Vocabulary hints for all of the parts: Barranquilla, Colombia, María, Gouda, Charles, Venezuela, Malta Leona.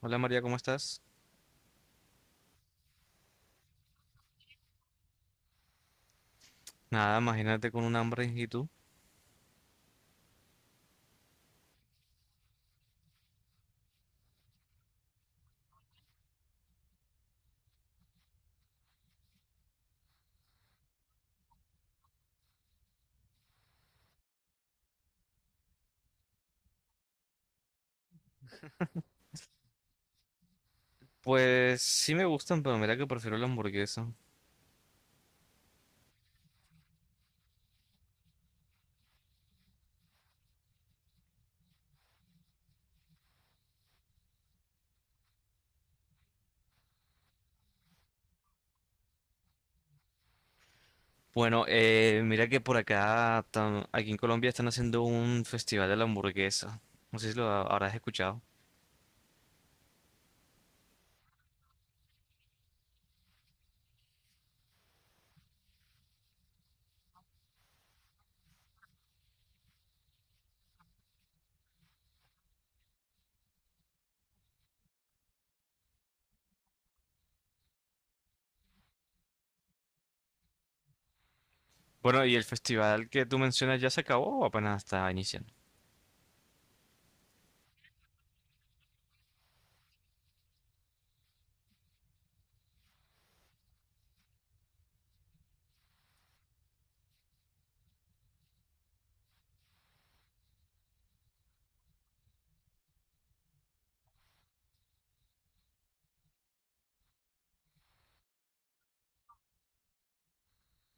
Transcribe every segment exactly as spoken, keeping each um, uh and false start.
Hola María, ¿cómo estás? Nada, imagínate con un hambre y tú. Pues sí me gustan, pero mira que prefiero la hamburguesa. Bueno, eh, mira que por acá, tam- aquí en Colombia están haciendo un festival de la hamburguesa. No sé si lo ha- habrás escuchado. Bueno, ¿y el festival que tú mencionas ya se acabó o apenas está iniciando?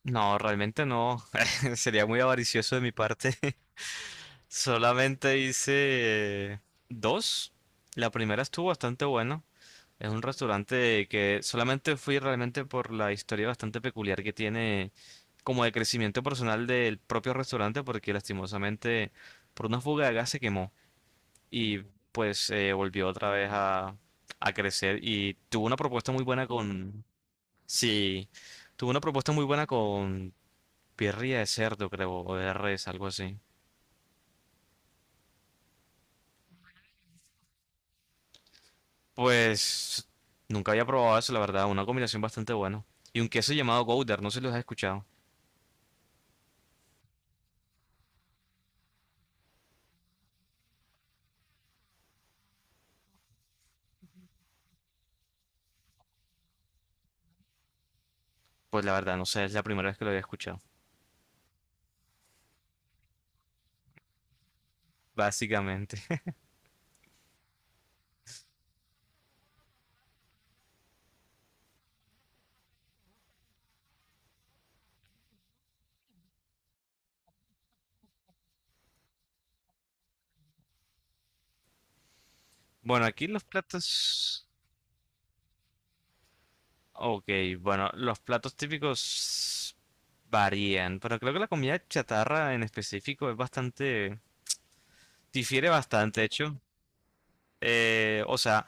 No, realmente no. Sería muy avaricioso de mi parte. Solamente hice eh, dos. La primera estuvo bastante buena. Es un restaurante que solamente fui realmente por la historia bastante peculiar que tiene como de crecimiento personal del propio restaurante porque lastimosamente por una fuga de gas se quemó y pues eh, volvió otra vez a, a crecer y tuvo una propuesta muy buena con... Sí, tuvo una propuesta muy buena con birria de cerdo, creo, o de res, algo así. Pues nunca había probado eso, la verdad. Una combinación bastante buena. Y un queso llamado Gouda, no sé si los has escuchado. Pues la verdad, no sé, es la primera vez que lo había escuchado, básicamente. Bueno, aquí los platos... Ok, bueno, los platos típicos varían, pero creo que la comida chatarra en específico es bastante... difiere bastante, de hecho. Eh, o sea,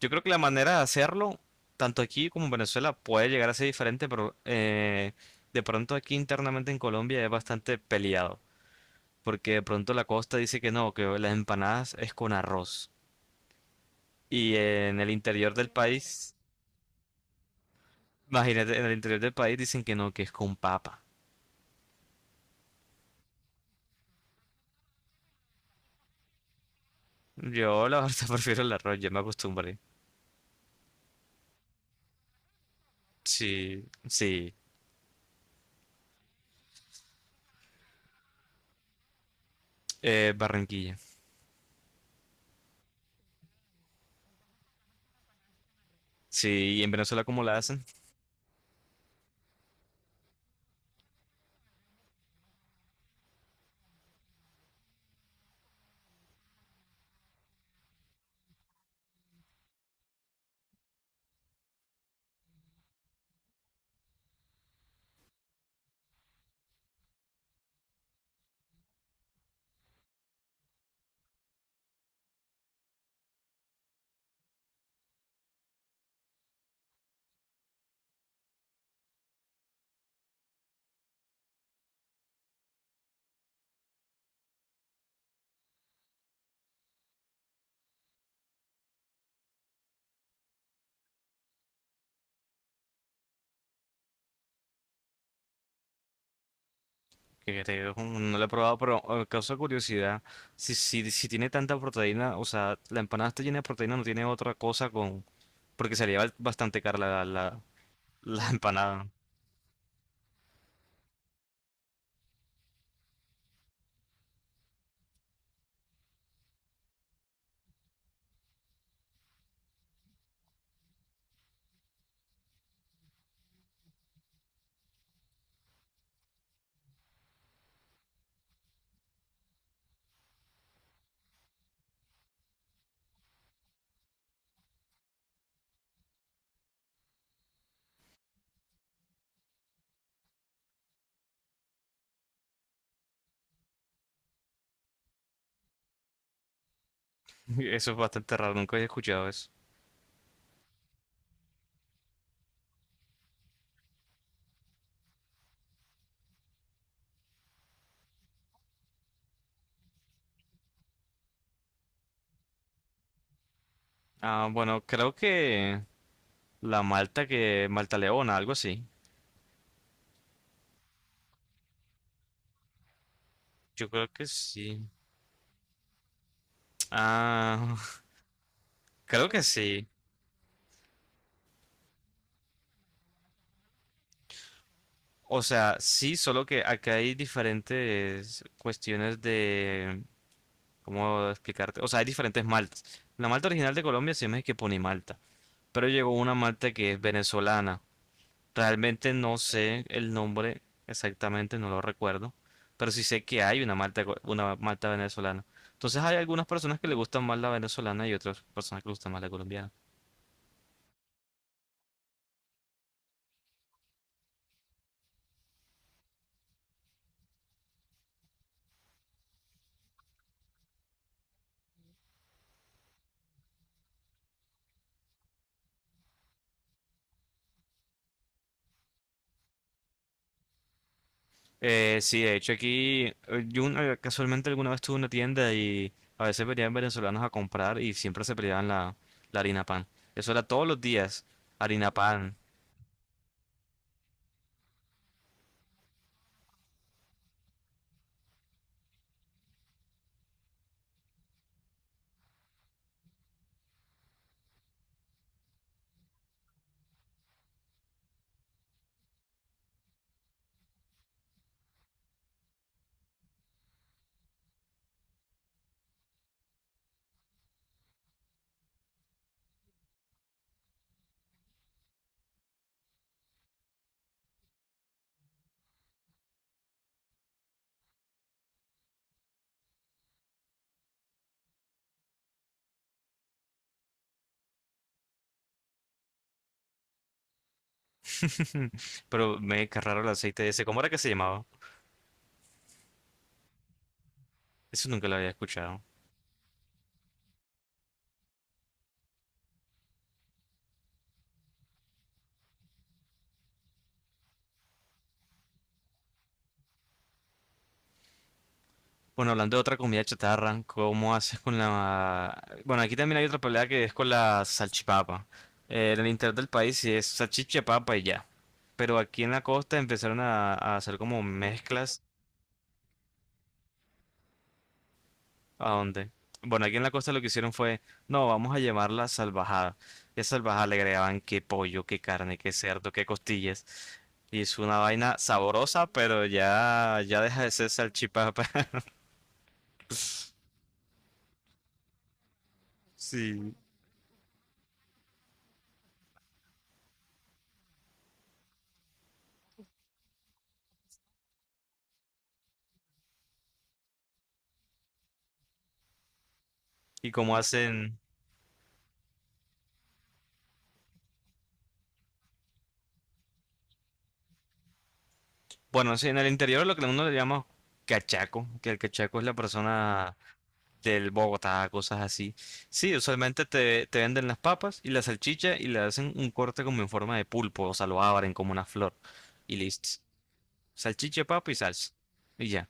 yo creo que la manera de hacerlo, tanto aquí como en Venezuela, puede llegar a ser diferente, pero eh, de pronto aquí internamente en Colombia es bastante peleado, porque de pronto la costa dice que no, que las empanadas es con arroz. Y en el interior del país, imagínate, en el interior del país dicen que no, que es con papa. Yo la verdad prefiero el arroz, ya me acostumbré. Sí, sí, eh, Barranquilla. Sí, y en Venezuela cómo la hacen, que te digo, no la he probado, pero eh, causa curiosidad. Si, si, si tiene tanta proteína, o sea, la empanada está llena de proteína, no tiene otra cosa con... Porque salía bal- bastante cara la, la, la empanada. Eso es bastante raro, nunca había escuchado eso. Ah, bueno, creo que la Malta que... Malta Leona, algo así. Yo creo que sí. Ah, creo que sí. O sea, sí, solo que acá hay diferentes cuestiones de... ¿Cómo explicarte? O sea, hay diferentes maltas. La malta original de Colombia se llama es que pone Malta. Pero llegó una malta que es venezolana. Realmente no sé el nombre exactamente, no lo recuerdo. Pero sí sé que hay una malta, co- una malta venezolana. Entonces hay algunas personas que le gustan más la venezolana y otras personas que le gustan más la colombiana. Eh, sí, de hecho aquí eh, yo una- casualmente alguna vez tuve una tienda y a veces venían venezolanos a comprar y siempre se peleaban la, la harina pan. Eso era todos los días, harina pan. Pero me cargaron el aceite ese. ¿Cómo era que se llamaba? Eso nunca lo había escuchado. Bueno, hablando de otra comida chatarra, ¿cómo haces con la... Bueno, aquí también hay otra pelea que es con la salchipapa. Eh, en el interior del país sí es salchicha, papa y ya. Pero aquí en la costa empezaron a, a hacer como mezclas. ¿A dónde? Bueno, aquí en la costa lo que hicieron fue, no, vamos a llamarla salvajada. Y a salvajada le agregaban qué pollo, qué carne, qué cerdo, qué costillas. Y es una vaina sabrosa, pero ya, ya deja de ser salchipapa. Sí. Y como hacen, bueno, sí, en el interior lo que uno le llama cachaco, que el cachaco es la persona del Bogotá, cosas así. Sí, usualmente te, te venden las papas y la salchicha y le hacen un corte como en forma de pulpo, o sea, lo abren como una flor. Y listo. Salchicha, papa y salsa. Y ya.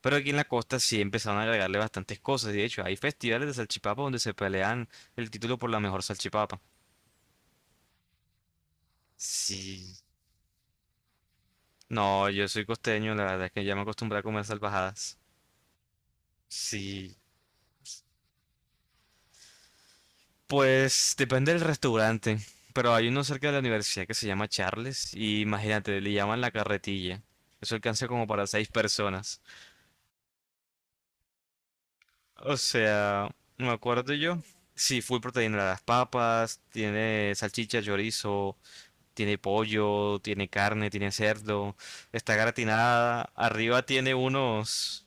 Pero aquí en la costa sí empezaron a agregarle bastantes cosas. Y de hecho, hay festivales de salchipapa donde se pelean el título por la mejor salchipapa. Sí. No, yo soy costeño, la verdad es que ya me acostumbré a comer salvajadas. Sí. Pues depende del restaurante. Pero hay uno cerca de la universidad que se llama Charles. Y imagínate, le llaman la carretilla. Eso alcanza como para seis personas. O sea, me acuerdo yo. Sí, full proteína. De las papas, tiene salchicha, chorizo, tiene pollo, tiene carne, tiene cerdo, está gratinada, arriba tiene unos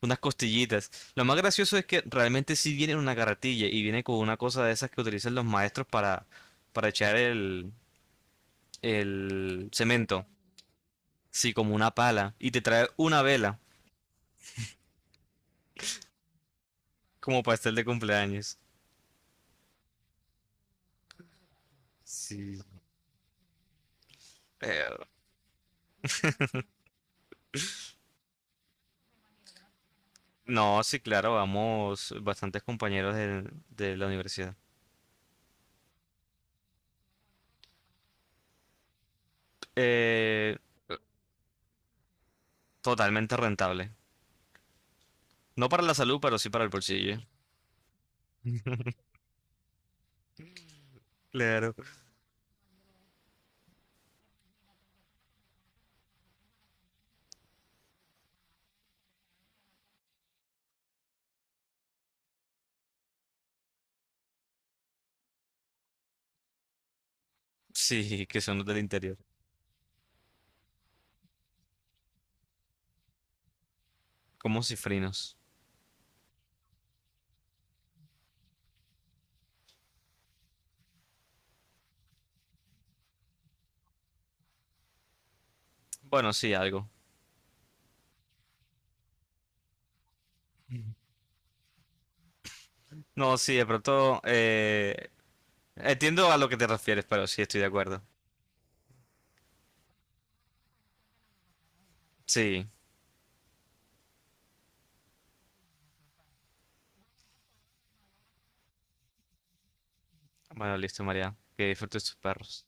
unas costillitas. Lo más gracioso es que realmente sí viene en una carretilla y viene con una cosa de esas que utilizan los maestros para para echar el el cemento, sí, como una pala, y te trae una vela como pastel de cumpleaños. Sí. No, sí, claro, vamos bastantes compañeros de, de la universidad. Eh, Totalmente rentable. No para la salud, pero sí para el bolsillo. Claro. Sí, que son los del interior. Como cifrinos. Bueno, sí, algo. No, sí, de pronto eh, entiendo a lo que te refieres, pero sí estoy de acuerdo. Sí. Bueno, listo, María. Que disfrutes tus perros.